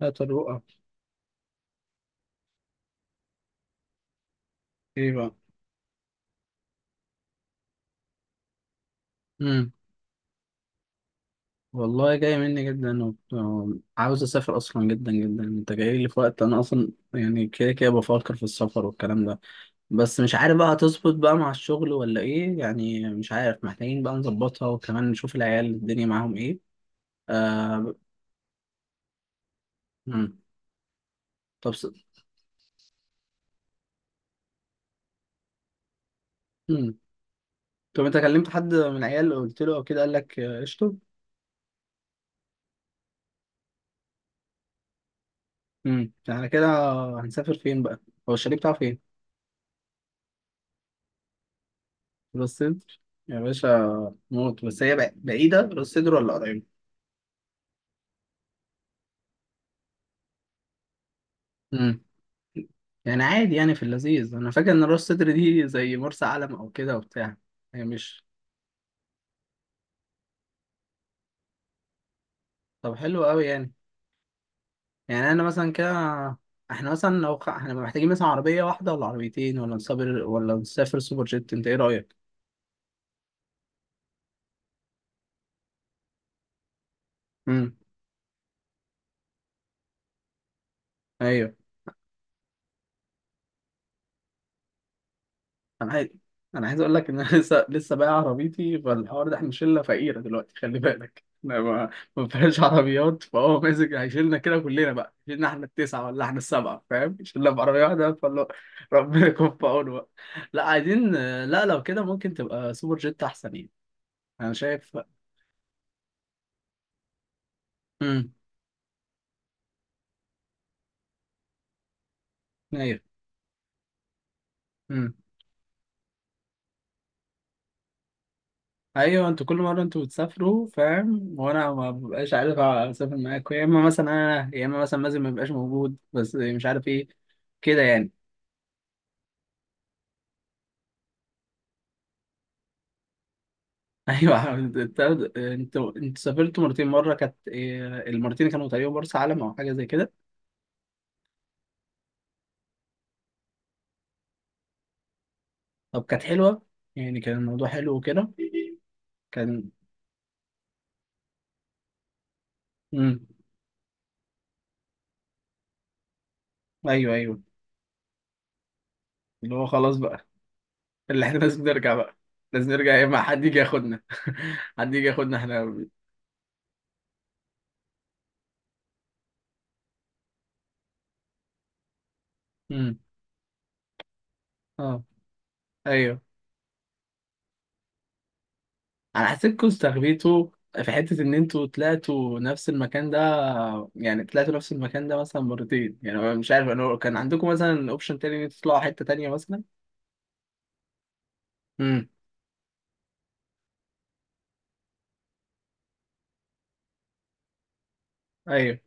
لا، طروقة. ايه بقى؟ امم والله جاي مني جدا وعاوز اسافر اصلا جدا جدا. انت جاي لي في وقت انا اصلا يعني كده كده بفكر في السفر والكلام ده. بس مش عارف بقى هتظبط بقى مع الشغل ولا ايه؟ يعني مش عارف، محتاجين بقى نظبطها وكمان نشوف العيال الدنيا معاهم ايه. آه... امم طب امم طب انت كلمت حد من العيال، قلت له او كده قال لك قشطه؟ على كده. هنسافر فين بقى؟ هو الشاليه بتاعه فين؟ راس صدر؟ يا باشا موت. بس هي بعيدة، راس صدر ولا قريبة؟ امم يعني عادي، يعني في اللذيذ. أنا فاكر إن راس صدر دي زي مرسى علم أو كده وبتاع. هي مش. طب حلو أوي يعني. يعني أنا مثلا كده، إحنا مثلا إحنا محتاجين مثلا عربية واحدة ولا عربيتين، ولا نسافر ولا نسافر سوبر جيت؟ أنت إيه رأيك؟ امم أيوه. انا عايز. انا عايز اقول لك ان انا لسه لسه بايع عربيتي. فالحوار ده احنا شله فقيره دلوقتي، خلي بالك احنا ما فيهاش عربيات. فهو ماسك هيشيلنا كده كلنا بقى. شيلنا احنا التسعه ولا احنا السبعه؟ فاهم، شلنا بعربيه واحده، فاللو ربنا يكون في عونه بقى. لا عايزين. لا، لو كده ممكن تبقى سوبر جيت احسن يعني. انا شايف. امم ايوه. امم ايوه، انتوا كل مره انتوا بتسافروا فاهم، وانا ما ببقاش عارف اسافر معاكم، يا اما مثلا انا، يا اما مثلا مازن ما بيبقاش موجود، بس مش عارف ايه كده يعني. ايوه. انت. انت سافرت مرتين، مره كانت المرتين كانوا تقريبا مرسى علم او حاجه زي كده. طب كانت حلوه يعني؟ كان الموضوع حلو وكده؟ كان. امم ايوه ايوه، اللي هو خلاص بقى. اللي احنا لازم نرجع بقى. لازم نرجع، يا اما حد يجي ياخدنا. حد يجي ياخدنا احنا. امم اه. ايوه، انا حسيتكم استغبيتوا في حته ان انتوا طلعتوا نفس المكان ده. يعني طلعتوا نفس المكان ده مثلا مرتين. يعني أنا مش عارف، انا كان عندكم مثلا اوبشن تاني ان انتوا تطلعوا حته تانيه مثلا؟ امم ايوه.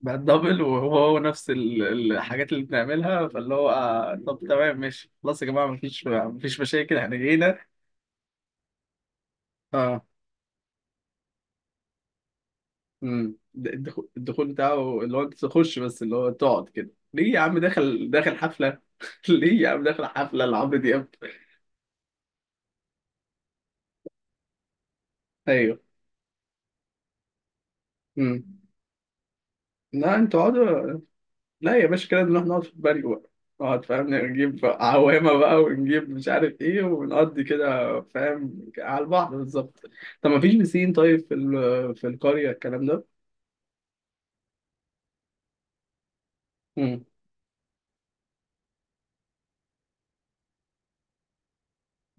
بقى الدبل، وهو هو نفس الحاجات اللي بنعملها. فاللي هو طب تمام ماشي خلاص يا جماعه، مفيش مشاكل، احنا جينا. اه. الدخول بتاعه اللي هو انت تخش، بس اللي هو تقعد كده ليه يا عم؟ داخل داخل حفله. ليه يا عم، داخل حفله لعمرو دياب؟ ايوه. امم لا، انتوا اقعدوا. لا يا باشا، كده نروح نقعد في البري بقى. نقعد فاهم، نجيب عوامة بقى ونجيب مش عارف ايه، ونقضي كده فاهم على البحر بالظبط. طب ما فيش بسين طيب في في القرية الكلام ده؟ مم.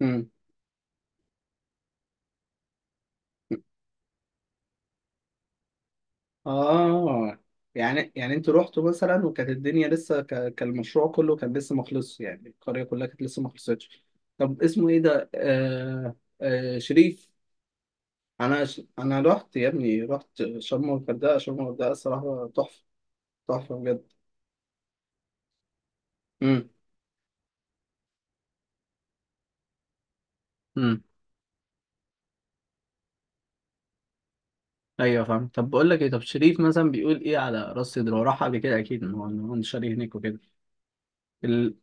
مم. اه. يعني انتوا رحتوا مثلا وكانت الدنيا لسه كان المشروع كله كان لسه ما خلصش، يعني القرية كلها كانت لسه ما خلصتش؟ طب اسمه ايه ده؟ شريف؟ انا انا رحت يا ابني. رحت شرم والغردقة، شرم والغردقة الصراحة تحفة. تحفة بجد. امم امم ايوه فاهم. طب بقول لك ايه، طب شريف مثلا بيقول ايه على راس صدر؟ هو راح قبل كده اكيد، ما هو إن هو شاريه هناك وكده. ال...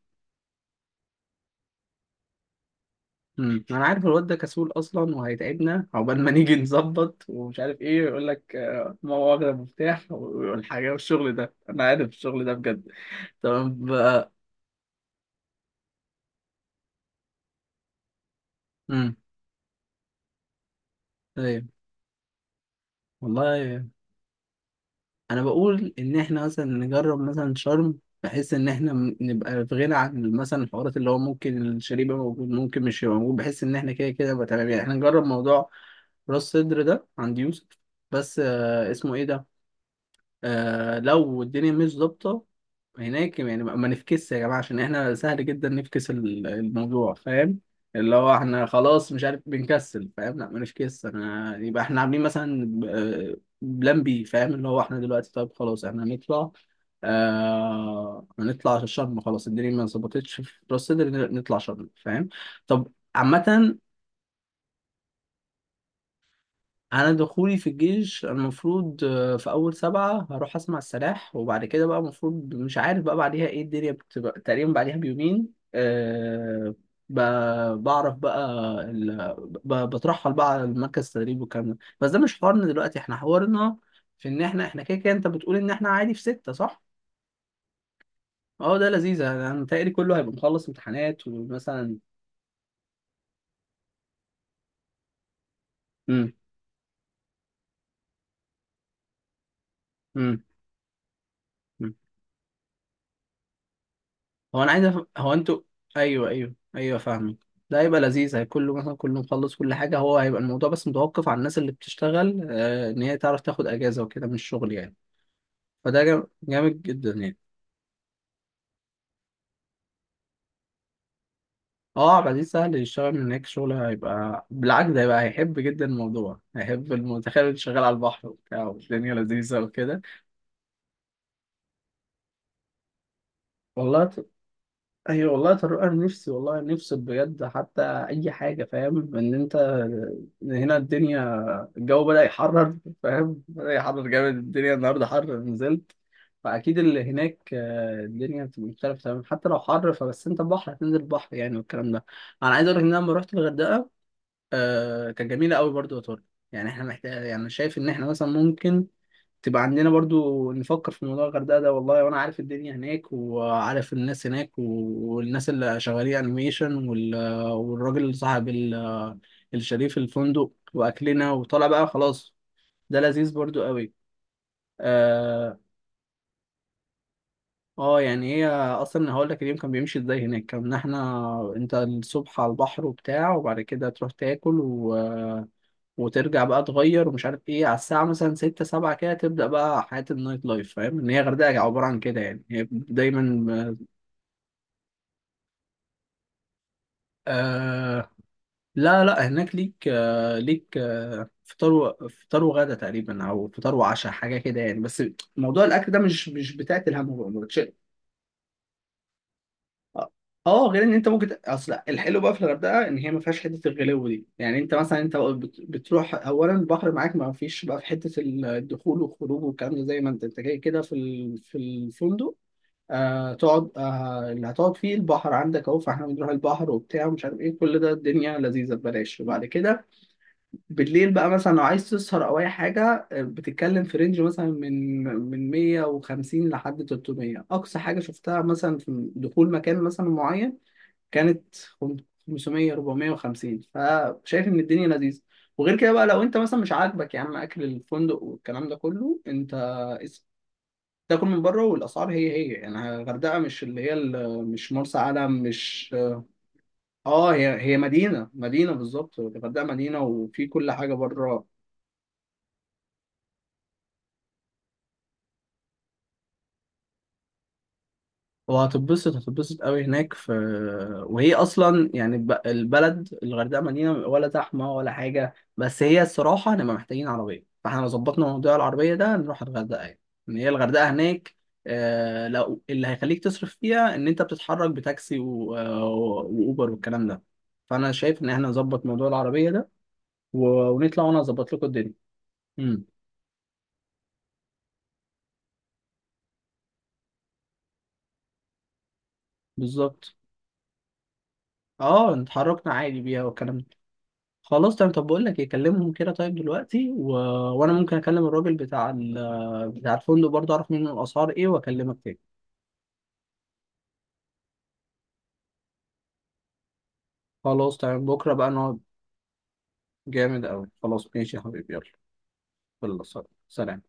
انا عارف الواد ده كسول اصلا، وهيتعبنا عقبال ما نيجي نظبط ومش عارف ايه. يقول لك ما هو واخد المفتاح والحاجه والشغل ده. انا عارف الشغل ده بجد. طب امم ايوه والله. انا بقول ان احنا مثلا نجرب مثلا شرم، بحيث ان احنا نبقى في غنى عن مثلا الحوارات اللي هو ممكن الشريب يبقى موجود ممكن مش يبقى موجود، بحيث ان احنا كده كده يبقى تمام. يعني احنا نجرب موضوع راس صدر ده عند يوسف. بس اسمه ايه ده؟ لو الدنيا مش ظابطه هناك، يعني ما نفكسش يا جماعه، عشان احنا سهل جدا نفكس الموضوع فاهم. اللي هو احنا خلاص مش عارف بنكسل فاهم، لا ما نفكس انا. يبقى احنا عاملين مثلا آه، بلان بي فاهم، اللي هو احنا دلوقتي طيب خلاص احنا هنطلع. هنطلع شرم خلاص. الدنيا ما ظبطتش في راس سدر، نطلع شرم فاهم. طب، عامة. انا دخولي في الجيش المفروض في اول سبعة هروح اسمع السلاح، وبعد كده بقى المفروض مش عارف بقى بعديها ايه، الدنيا بتبقى تقريبا بعديها بيومين. أه. بعرف بقى. ال... بترحل بقى على مركز التدريب والكلام ده. بس ده مش حوارنا دلوقتي، احنا حوارنا في ان احنا كده كده انت بتقول ان احنا عادي في ستة صح؟ اه ده لذيذ. انا متهيألي كله هيبقى مخلص امتحانات ومثلا. امم هو انا عايز هو انتوا. ايوه ايوه ايوه فاهمك. ده هيبقى لذيذ، هيكون له مثلا كله مخلص كل حاجه. هو هيبقى الموضوع بس متوقف على الناس اللي بتشتغل ان هي تعرف تاخد اجازه وكده من الشغل يعني. فده جامد جدا يعني. اه، عبد العزيز سهل يشتغل من هناك شغل، هيبقى بالعكس ده، هيبقى هيحب جدا الموضوع، هيحب المتخيل شغال على البحر وبتاع، والدنيا لذيذه وكده. والله ايوه والله يا طارق، انا نفسي والله، نفسي بجد حتى اي حاجه فاهم، ان انت. إن هنا الدنيا، الجو بدأ يحرر، فاهم، بدأ يحرر جامد، الدنيا النهارده حر نزلت. فاكيد اللي هناك الدنيا بتبقى مختلفه تمام، حتى لو حر، فبس انت بحر هتنزل بحر يعني والكلام ده. انا عايز اقول لك ان انا لما رحت الغردقه كانت جميله قوي برضو يا طارق. يعني احنا محتاج، يعني شايف ان احنا مثلا ممكن تبقى عندنا برضو نفكر في موضوع الغردقة ده والله. وانا عارف الدنيا هناك، وعارف الناس هناك، والناس اللي شغالين انيميشن، والراجل اللي صاحب الشريف الفندق، واكلنا وطالع بقى خلاص. ده لذيذ برضو قوي. اه. يعني هي اصلا هقول لك اليوم كان بيمشي ازاي هناك. كان احنا انت الصبح على البحر وبتاع، وبعد كده تروح تاكل وترجع بقى تغير ومش عارف ايه، على الساعة مثلا ستة سبعة كده تبدأ بقى حياة النايت لايف، فاهم ان هي غردقة عبارة عن كده يعني، هي دايما. آه لا لا. هناك ليك ليك فطار فطار وغدا تقريبا، او فطار وعشاء حاجة كده يعني. بس موضوع الاكل ده مش بتاعت الهم. اه. غير ان انت ممكن اصل الحلو بقى في الغردقه ان هي ما فيهاش حته الغلو دي، يعني انت مثلا انت بتروح اولا البحر معاك. ما فيش بقى في حته الدخول والخروج والكلام ده، زي ما انت جاي كده في في الفندق. تقعد، اللي هتقعد فيه البحر عندك اهو. فاحنا بنروح البحر وبتاع ومش عارف ايه، كل ده الدنيا لذيذه ببلاش. وبعد كده بالليل بقى مثلا لو عايز تسهر او اي حاجه بتتكلم في رينج مثلا من 150 لحد 300 اقصى حاجه شفتها، مثلا في دخول مكان مثلا معين كانت 500 450، فشايف ان الدنيا لذيذه. وغير كده بقى، لو انت مثلا مش عاجبك يا عم اكل الفندق والكلام ده كله، انت اس- تاكل من بره. والاسعار هي هي يعني، الغردقه مش اللي هي مش مرسى علم مش. اه، هي هي مدينه مدينه بالظبط. الغردقه مدينه وفي كل حاجه بره. وهتتبسط هتتبسط قوي هناك في. وهي اصلا يعني البلد الغردقه مدينه ولا زحمه ولا حاجه، بس هي الصراحه هنبقى محتاجين عربيه. فاحنا لو ظبطنا موضوع العربيه ده نروح الغردقه يعني. ان هي الغردقه هناك. لو اللي هيخليك تصرف فيها ان انت بتتحرك بتاكسي واوبر والكلام ده. فانا شايف ان احنا نظبط موضوع العربيه ده، ونطلع وانا اظبط لكم الدنيا. امم بالظبط. اه، اتحركنا عادي بيها والكلام. خلاص تمام. طب بقول لك ايه، كلمهم كده طيب دلوقتي، وانا ممكن اكلم الراجل بتاع بتاع الفندق برضه، اعرف منه الاسعار ايه واكلمك تاني. خلاص تمام، بكره بقى نقعد. جامد قوي خلاص، ماشي يا حبيبي، يلا. يلا. سلام.